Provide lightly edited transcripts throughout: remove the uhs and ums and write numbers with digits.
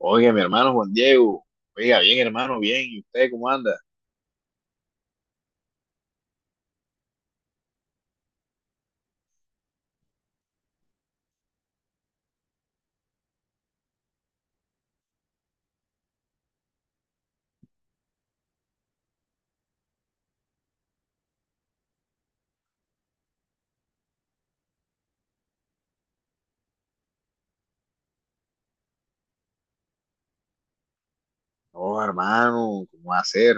Oiga, mi hermano Juan Diego. Oiga, bien, hermano, bien. ¿Y usted cómo anda? No, hermano, ¿cómo va a ser?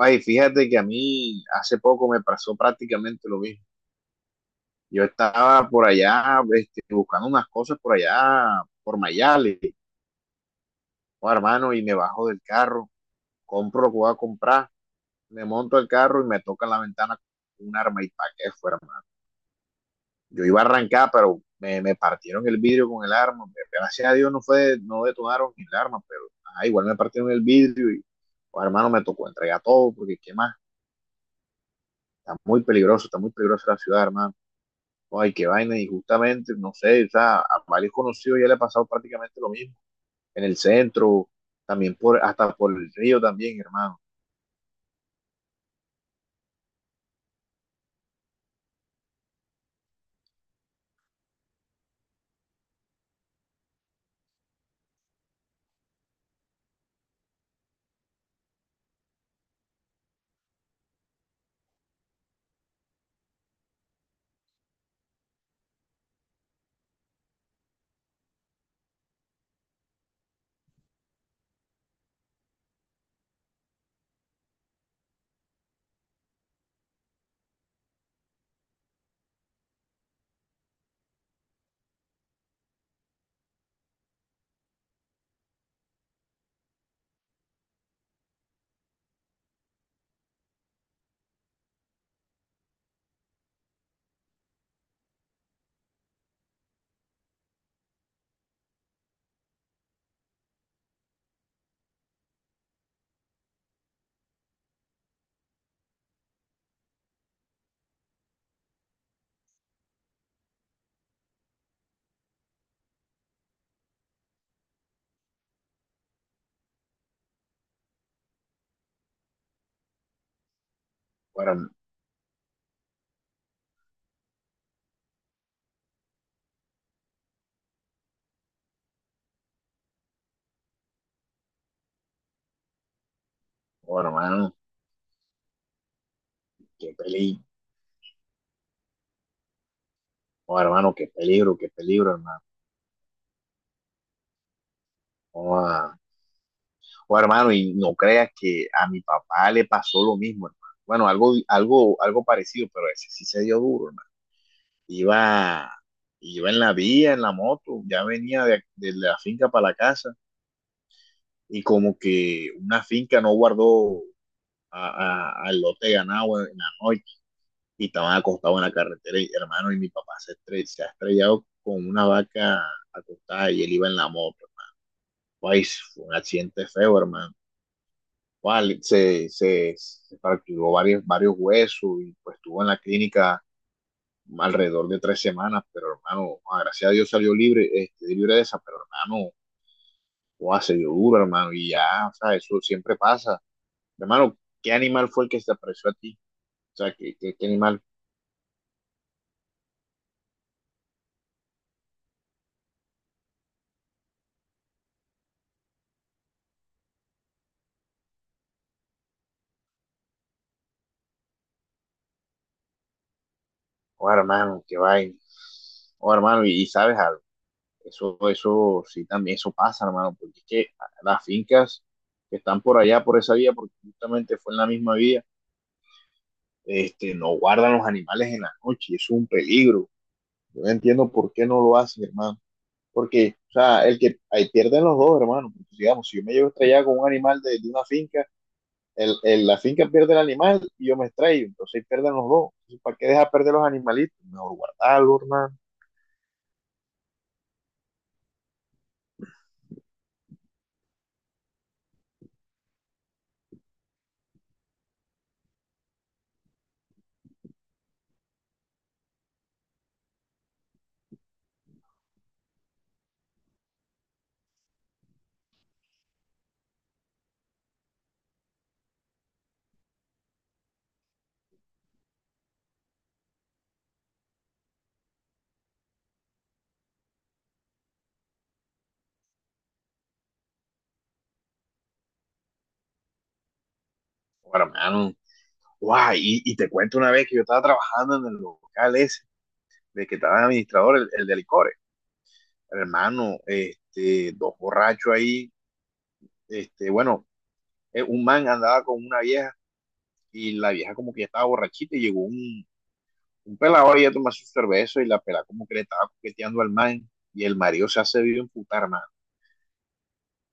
Ay, fíjate que a mí hace poco me pasó prácticamente lo mismo. Yo estaba por allá, buscando unas cosas por allá, por Mayale. Oh, hermano, y me bajo del carro, compro lo que voy a comprar, me monto al carro y me toca en la ventana un arma y pa' qué fue, yo iba a arrancar, pero partieron el vidrio con el arma. Gracias a Dios no fue, no detonaron el arma, pero igual me partieron el vidrio y, pues, hermano, me tocó entregar todo, porque qué más, está muy peligroso, está muy peligrosa la ciudad, hermano. Oh, ay, qué vaina, y justamente, no sé, o sea, a varios conocidos ya le ha pasado prácticamente lo mismo, en el centro, también por, hasta por el río también, hermano. Bueno, bueno hermano, qué peligro, bueno, hermano, qué peligro, hermano. Bueno, bueno, hermano, y no creas que a mi papá le pasó lo mismo, hermano. Bueno, algo parecido, pero ese sí se dio duro, hermano. Iba, Iba en la vía, en la moto, ya venía de la finca para la casa y como que una finca no guardó a- al lote de ganado en la noche y estaban acostados en la carretera, y, hermano, y mi papá se, se ha estrellado con una vaca acostada y él iba en la moto. Pues, fue un accidente feo, hermano. Bueno, se fracturó varios huesos y pues estuvo en la clínica alrededor de 3 semanas, pero hermano, ah, gracias a Dios salió libre, libre de esa, pero hermano, wow, se dio duro, hermano, y ya, o sea, eso siempre pasa. Hermano, ¿qué animal fue el que se apareció a ti? O sea, ¿qué animal? Oh, hermano, qué vaina. Oh, hermano, y sabes algo, eso sí también, eso pasa, hermano, porque es que las fincas que están por allá, por esa vía, porque justamente fue en la misma vía no guardan los animales en la noche, es un peligro. Yo no entiendo por qué no lo hacen, hermano. Porque, o sea, el que ahí pierden los dos, hermano. Porque, digamos, si yo me llevo estrellado con un animal de una finca, la finca pierde el animal y yo me extraigo, entonces ahí pierden los dos. Entonces, ¿para qué dejar perder los animalitos? Mejor guardarlo, hermano. Bueno, hermano, guau, y te cuento una vez que yo estaba trabajando en el local ese, de que estaba el administrador, el de licores. Hermano, este, dos borrachos ahí, este, bueno, un man andaba con una vieja y la vieja como que estaba borrachita y llegó un pelado ahí a tomar su cerveza y la pelada como que le estaba coqueteando al man y el marido se hace vivo putar, hermano.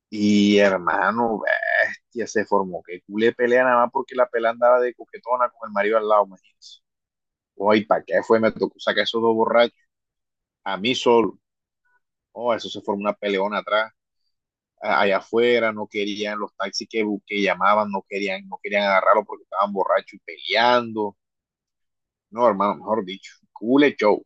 Y hermano, bestia, se formó que culé pelea nada más porque la pelada andaba de coquetona con el marido al lado, imagínense. Oye, ¿para qué fue? Me tocó sacar esos dos borrachos a mí solo. Oh, eso se formó una peleona atrás allá afuera, no querían los taxis que, que llamaban, no querían agarrarlo porque estaban borrachos y peleando. No, hermano, mejor dicho, cool show.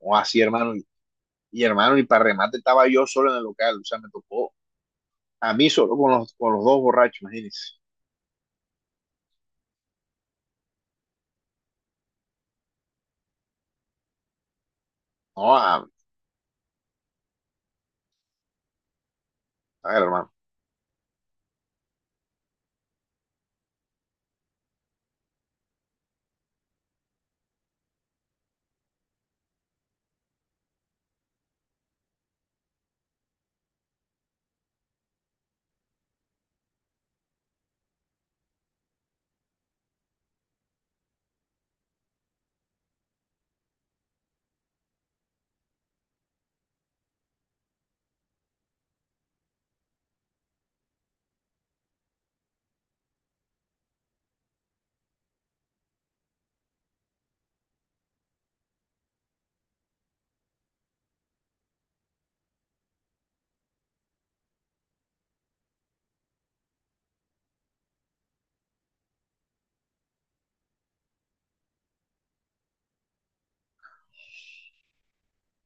O así, hermano. Y, hermano, y para remate estaba yo solo en el local. O sea, me tocó a mí solo con con los dos borrachos, imagínense. No, a ver, hermano.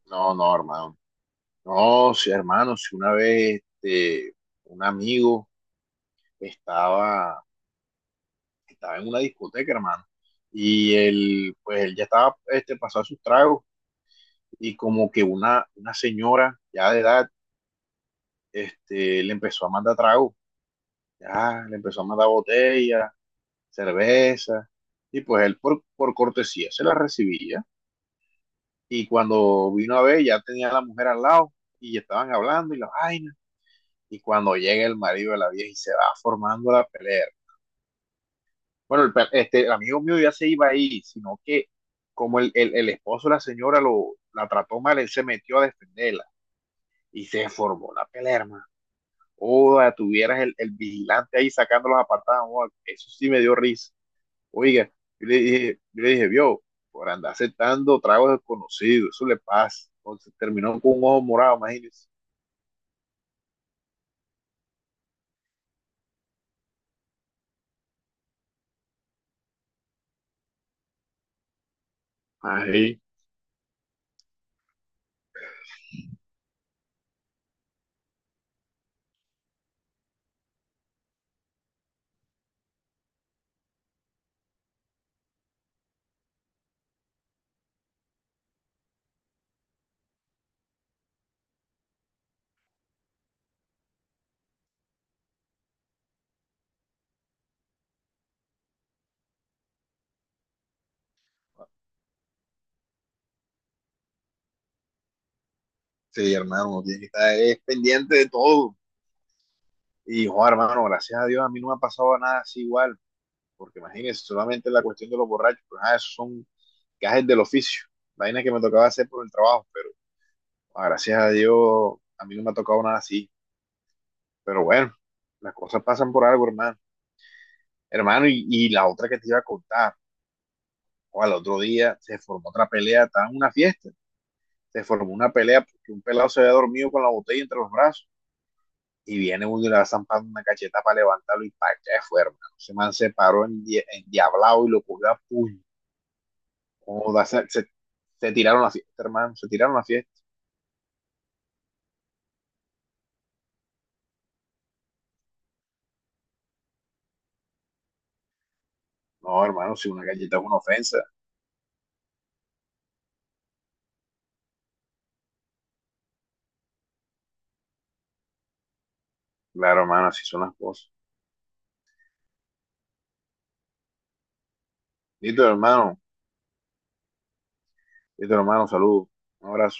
No, no, hermano. No, sí, hermano, si una vez un amigo estaba, estaba en una discoteca, hermano, y él, pues él ya estaba pasado sus tragos, y como que una señora ya de edad le empezó a mandar tragos, ya le empezó a mandar botellas, cerveza, y pues él por cortesía se la recibía. Y cuando vino a ver, ya tenía a la mujer al lado y ya estaban hablando y la vaina. Y cuando llega el marido de la vieja y se va formando la pelea. Bueno, el amigo mío ya se iba ahí, sino que como el esposo de la señora la trató mal, él se metió a defenderla y se formó la pelea, hermano. Oda, tuvieras el vigilante ahí sacando los apartados, eso sí me dio risa. Oiga, yo le dije, vio, por andar aceptando tragos desconocidos, eso le pasa. Entonces terminó con un ojo morado, imagínese. Ahí, sí, hermano, uno tiene que estar pendiente de todo. Y, joder, hermano, gracias a Dios a mí no me ha pasado nada así igual, porque imagínese, solamente la cuestión de los borrachos, pues, ah, esos son gajes del oficio, vainas que me tocaba hacer por el trabajo, pero ah, gracias a Dios a mí no me ha tocado nada así. Pero bueno, las cosas pasan por algo, hermano. Hermano, y la otra que te iba a contar, o al otro día se formó otra pelea, estaba en una fiesta, se formó una pelea porque un pelado se había dormido con la botella entre los brazos y viene uno y le va zampando una cacheta para levantarlo y para que fue, hermano. Se man se paró en, diablado y lo cogió a puño. Como se tiraron la fiesta, hermano, se tiraron la fiesta. No, hermano, si una galleta es una ofensa. Claro, hermano, así son las cosas. Listo, hermano. Listo, hermano, saludos. Un abrazo.